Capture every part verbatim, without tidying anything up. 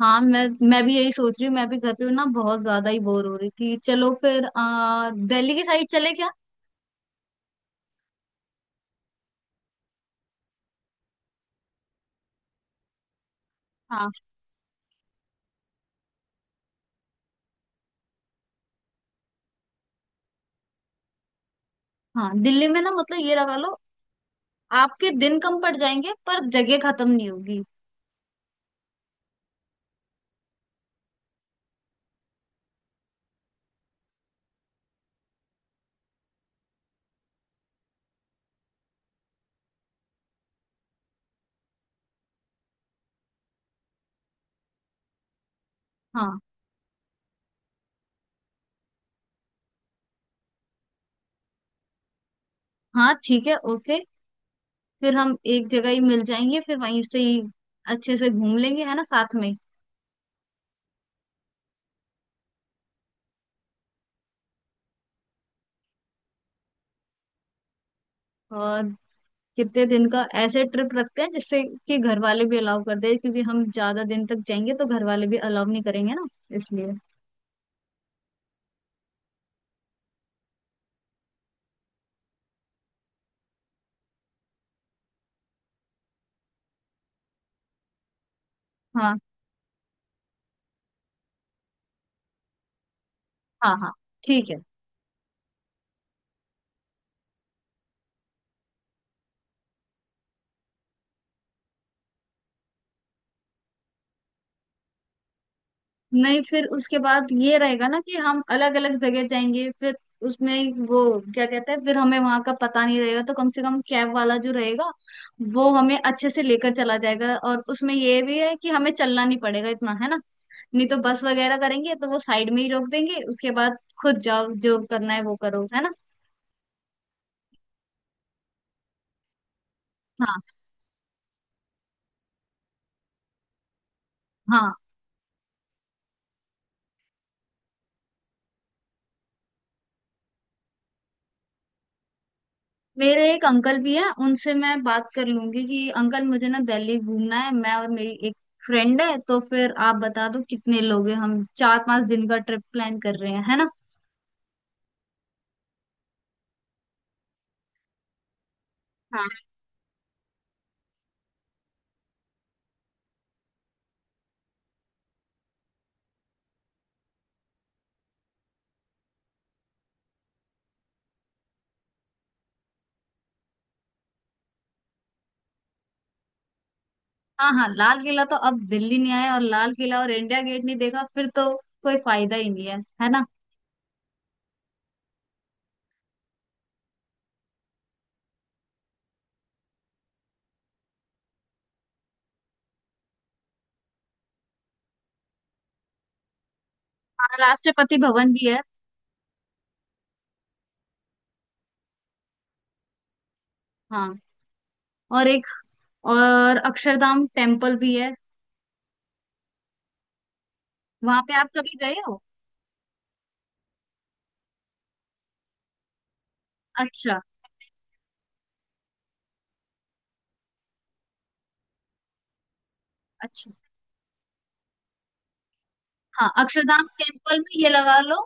हाँ, मैं मैं भी यही सोच रही हूँ। मैं भी घर पे ना बहुत ज्यादा ही बोर हो रही थी। चलो फिर आ, दिल्ली की साइड चले क्या। हाँ हाँ, दिल्ली में ना मतलब ये लगा लो, आपके दिन कम पड़ जाएंगे पर जगह खत्म नहीं होगी। हाँ हाँ, ठीक है, ओके। फिर हम एक जगह ही मिल जाएंगे, फिर वहीं से ही अच्छे से घूम लेंगे, है ना, साथ में। और कितने दिन का ऐसे ट्रिप रखते हैं जिससे कि घर वाले भी अलाउ कर दे, क्योंकि हम ज्यादा दिन तक जाएंगे तो घर वाले भी अलाउ नहीं करेंगे ना, इसलिए। हाँ हाँ हाँ, ठीक है। नहीं, फिर उसके बाद ये रहेगा ना कि हम अलग अलग जगह जाएंगे, फिर उसमें वो क्या कहते हैं, फिर हमें वहां का पता नहीं रहेगा, तो कम से कम कैब वाला जो रहेगा वो हमें अच्छे से लेकर चला जाएगा। और उसमें ये भी है कि हमें चलना नहीं पड़ेगा इतना, है ना। नहीं तो बस वगैरह करेंगे तो वो साइड में ही रोक देंगे, उसके बाद खुद जाओ, जो करना है वो करो, है ना। हाँ हाँ, मेरे एक अंकल भी है, उनसे मैं बात कर लूंगी कि अंकल मुझे ना दिल्ली घूमना है, मैं और मेरी एक फ्रेंड है, तो फिर आप बता दो कितने लोग हैं, हम चार पांच दिन का ट्रिप प्लान कर रहे हैं, है ना। हाँ। हाँ हाँ, लाल किला तो, अब दिल्ली नहीं आया और लाल किला और इंडिया गेट नहीं देखा फिर तो कोई फायदा ही नहीं है, है ना। हाँ, राष्ट्रपति भवन भी है। हाँ, और एक, और अक्षरधाम टेम्पल भी है। वहां पे आप कभी गए हो। अच्छा। अच्छा, हाँ अक्षरधाम टेम्पल में ये लगा लो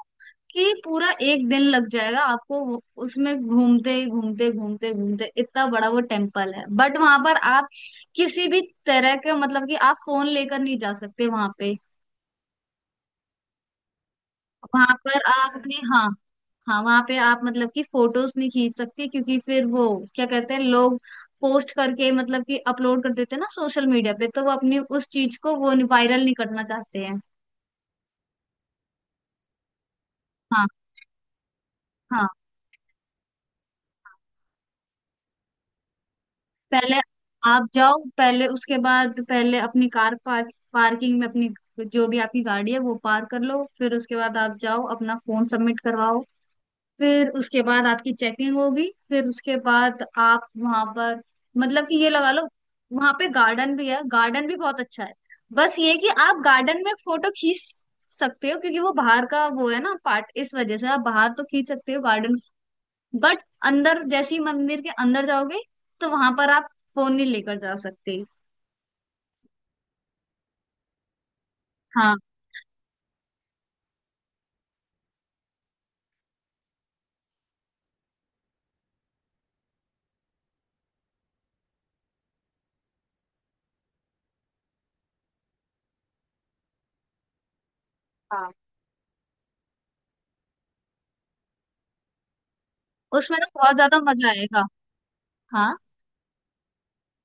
कि पूरा एक दिन लग जाएगा आपको। वो- उसमें घूमते घूमते घूमते घूमते, इतना बड़ा वो टेम्पल है। बट वहां पर आप किसी भी तरह के मतलब कि आप फोन लेकर नहीं जा सकते वहां पे। वहां पर आप अपने, हाँ। हाँ, वहां पे आप मतलब कि फोटोज नहीं खींच सकते, क्योंकि फिर वो क्या कहते हैं, लोग पोस्ट करके मतलब कि अपलोड कर देते हैं ना सोशल मीडिया पे, तो वो अपनी उस चीज को वो वायरल नहीं करना चाहते हैं। हाँ। हाँ, पहले आप जाओ, पहले उसके बाद पहले अपनी कार पार्क, पार्किंग में अपनी जो भी आपकी गाड़ी है वो पार्क कर लो, फिर उसके बाद आप जाओ अपना फोन सबमिट करवाओ, फिर उसके बाद आपकी चेकिंग होगी, फिर उसके बाद आप वहां पर मतलब कि ये लगा लो, वहां पे गार्डन भी है, गार्डन भी बहुत अच्छा है। बस ये कि आप गार्डन में फोटो खींच सकते हो, क्योंकि वो बाहर का वो है ना पार्ट, इस वजह से आप बाहर तो खींच सकते हो गार्डन, बट अंदर जैसे ही मंदिर के अंदर जाओगे तो वहां पर आप फोन नहीं लेकर जा सकते। हाँ हाँ, उसमें ना बहुत ज्यादा मजा आएगा। हाँ,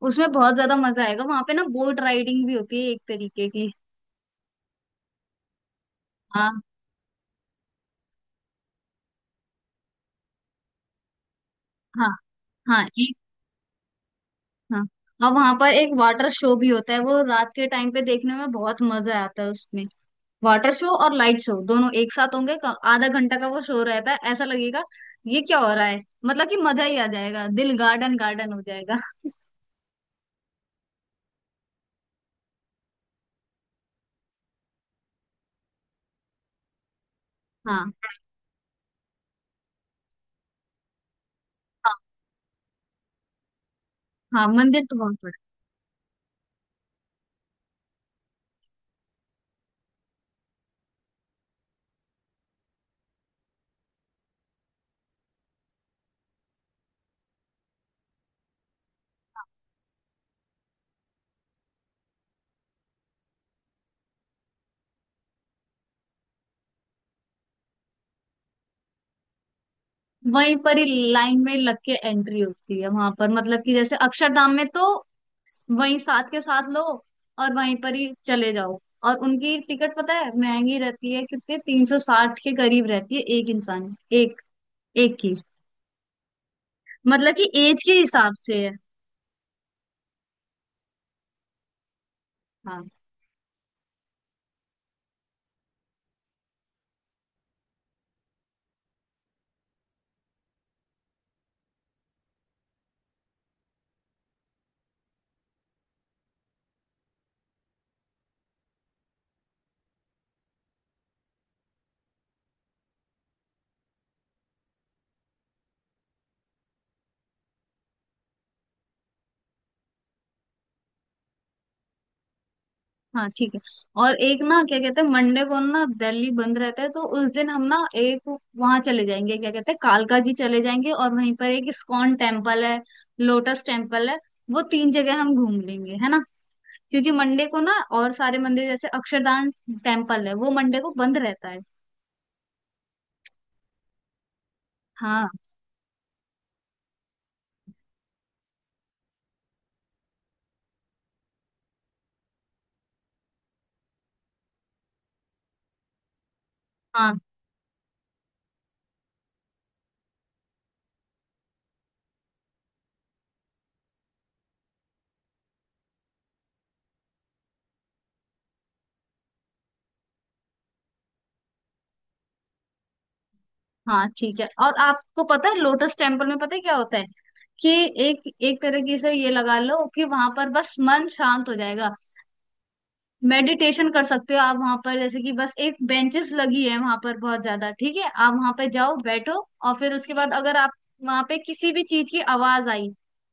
उसमें बहुत ज्यादा मजा आएगा। वहां पे ना बोट राइडिंग भी होती है एक तरीके की। हाँ। हाँ हाँ, एक, हाँ और वहां पर एक वाटर शो भी होता है, वो रात के टाइम पे देखने में बहुत मजा आता है उसमें। वाटर शो और लाइट शो दोनों एक साथ होंगे। क- आधा घंटा का वो शो रहता है। ऐसा लगेगा ये क्या हो रहा है, मतलब कि मजा ही आ जाएगा, दिल गार्डन गार्डन हो जाएगा। हाँ। हाँ, मंदिर तो बहुत बड़ा। वहीं पर ही लाइन में लग के एंट्री होती है वहां पर, मतलब कि जैसे अक्षरधाम में तो वहीं साथ के साथ लो और वहीं पर ही चले जाओ। और उनकी टिकट पता है महंगी रहती है, कितने तीन सौ साठ के करीब रहती है एक इंसान, एक, एक की, मतलब कि एज के हिसाब से है। हाँ हाँ, ठीक है। और एक ना क्या कहते हैं, मंडे को ना दिल्ली बंद रहता है, तो उस दिन हम ना एक वहां चले जाएंगे, क्या कहते हैं कालका जी चले जाएंगे, और वहीं पर एक इस्कॉन टेम्पल है, लोटस टेम्पल है, वो तीन जगह हम घूम लेंगे, है ना। क्योंकि मंडे को ना और सारे मंदिर जैसे अक्षरधाम टेम्पल है वो मंडे को बंद रहता है। हाँ हाँ हाँ, ठीक है। और आपको पता है लोटस टेम्पल में पता है क्या होता है, कि एक, एक तरीके से ये लगा लो कि वहां पर बस मन शांत हो जाएगा, मेडिटेशन कर सकते हो आप वहां पर। जैसे कि बस एक बेंचेस लगी है वहां पर बहुत ज्यादा, ठीक है आप वहां पे जाओ बैठो, और फिर उसके बाद अगर आप वहां पे किसी भी चीज की आवाज आई,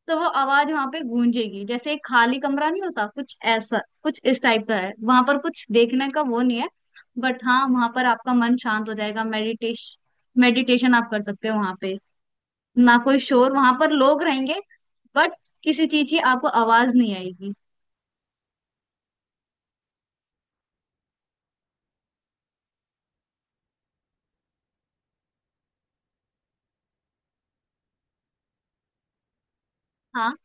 तो वो आवाज वहां पे गूंजेगी, जैसे एक खाली कमरा नहीं होता, कुछ ऐसा कुछ इस टाइप का है। वहां पर कुछ देखने का वो नहीं है, बट हाँ वहां पर आपका मन शांत हो जाएगा। मेडिटेश मेडिटेशन आप कर सकते हो वहां पे, ना कोई शोर, वहां पर लोग रहेंगे बट किसी चीज की आपको आवाज नहीं आएगी। हाँ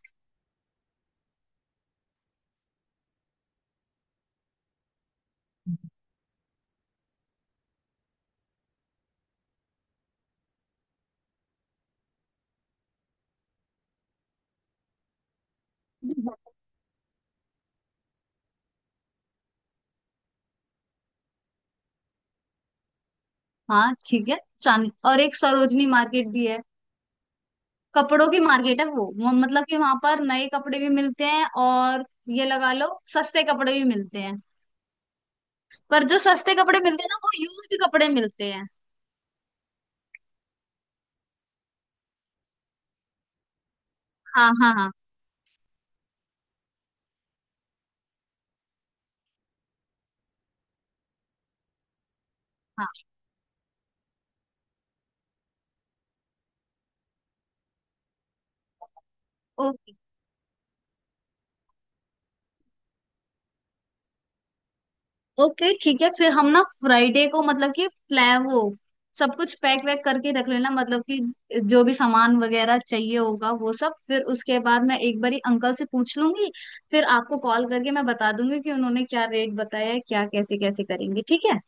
हाँ, ठीक है। चांद, और एक सरोजनी मार्केट भी है, कपड़ों की मार्केट है वो वो मतलब कि वहां पर नए कपड़े भी मिलते हैं, और ये लगा लो सस्ते कपड़े भी मिलते हैं, पर जो सस्ते कपड़े मिलते हैं ना वो यूज्ड कपड़े मिलते हैं। हाँ हाँ हाँ। हाँ, ओके ठीक है। फिर हम ना फ्राइडे को मतलब कि प्लान, वो सब कुछ पैक वैक करके रख लेना, मतलब कि जो भी सामान वगैरह चाहिए होगा वो सब, फिर उसके बाद मैं एक बारी अंकल से पूछ लूंगी, फिर आपको कॉल करके मैं बता दूंगी कि उन्होंने क्या रेट बताया है, क्या कैसे कैसे करेंगे, ठीक है।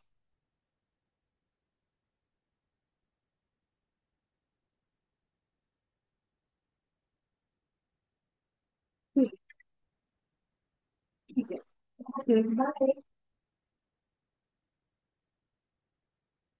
ठीक, ठीक है, ओके बाय।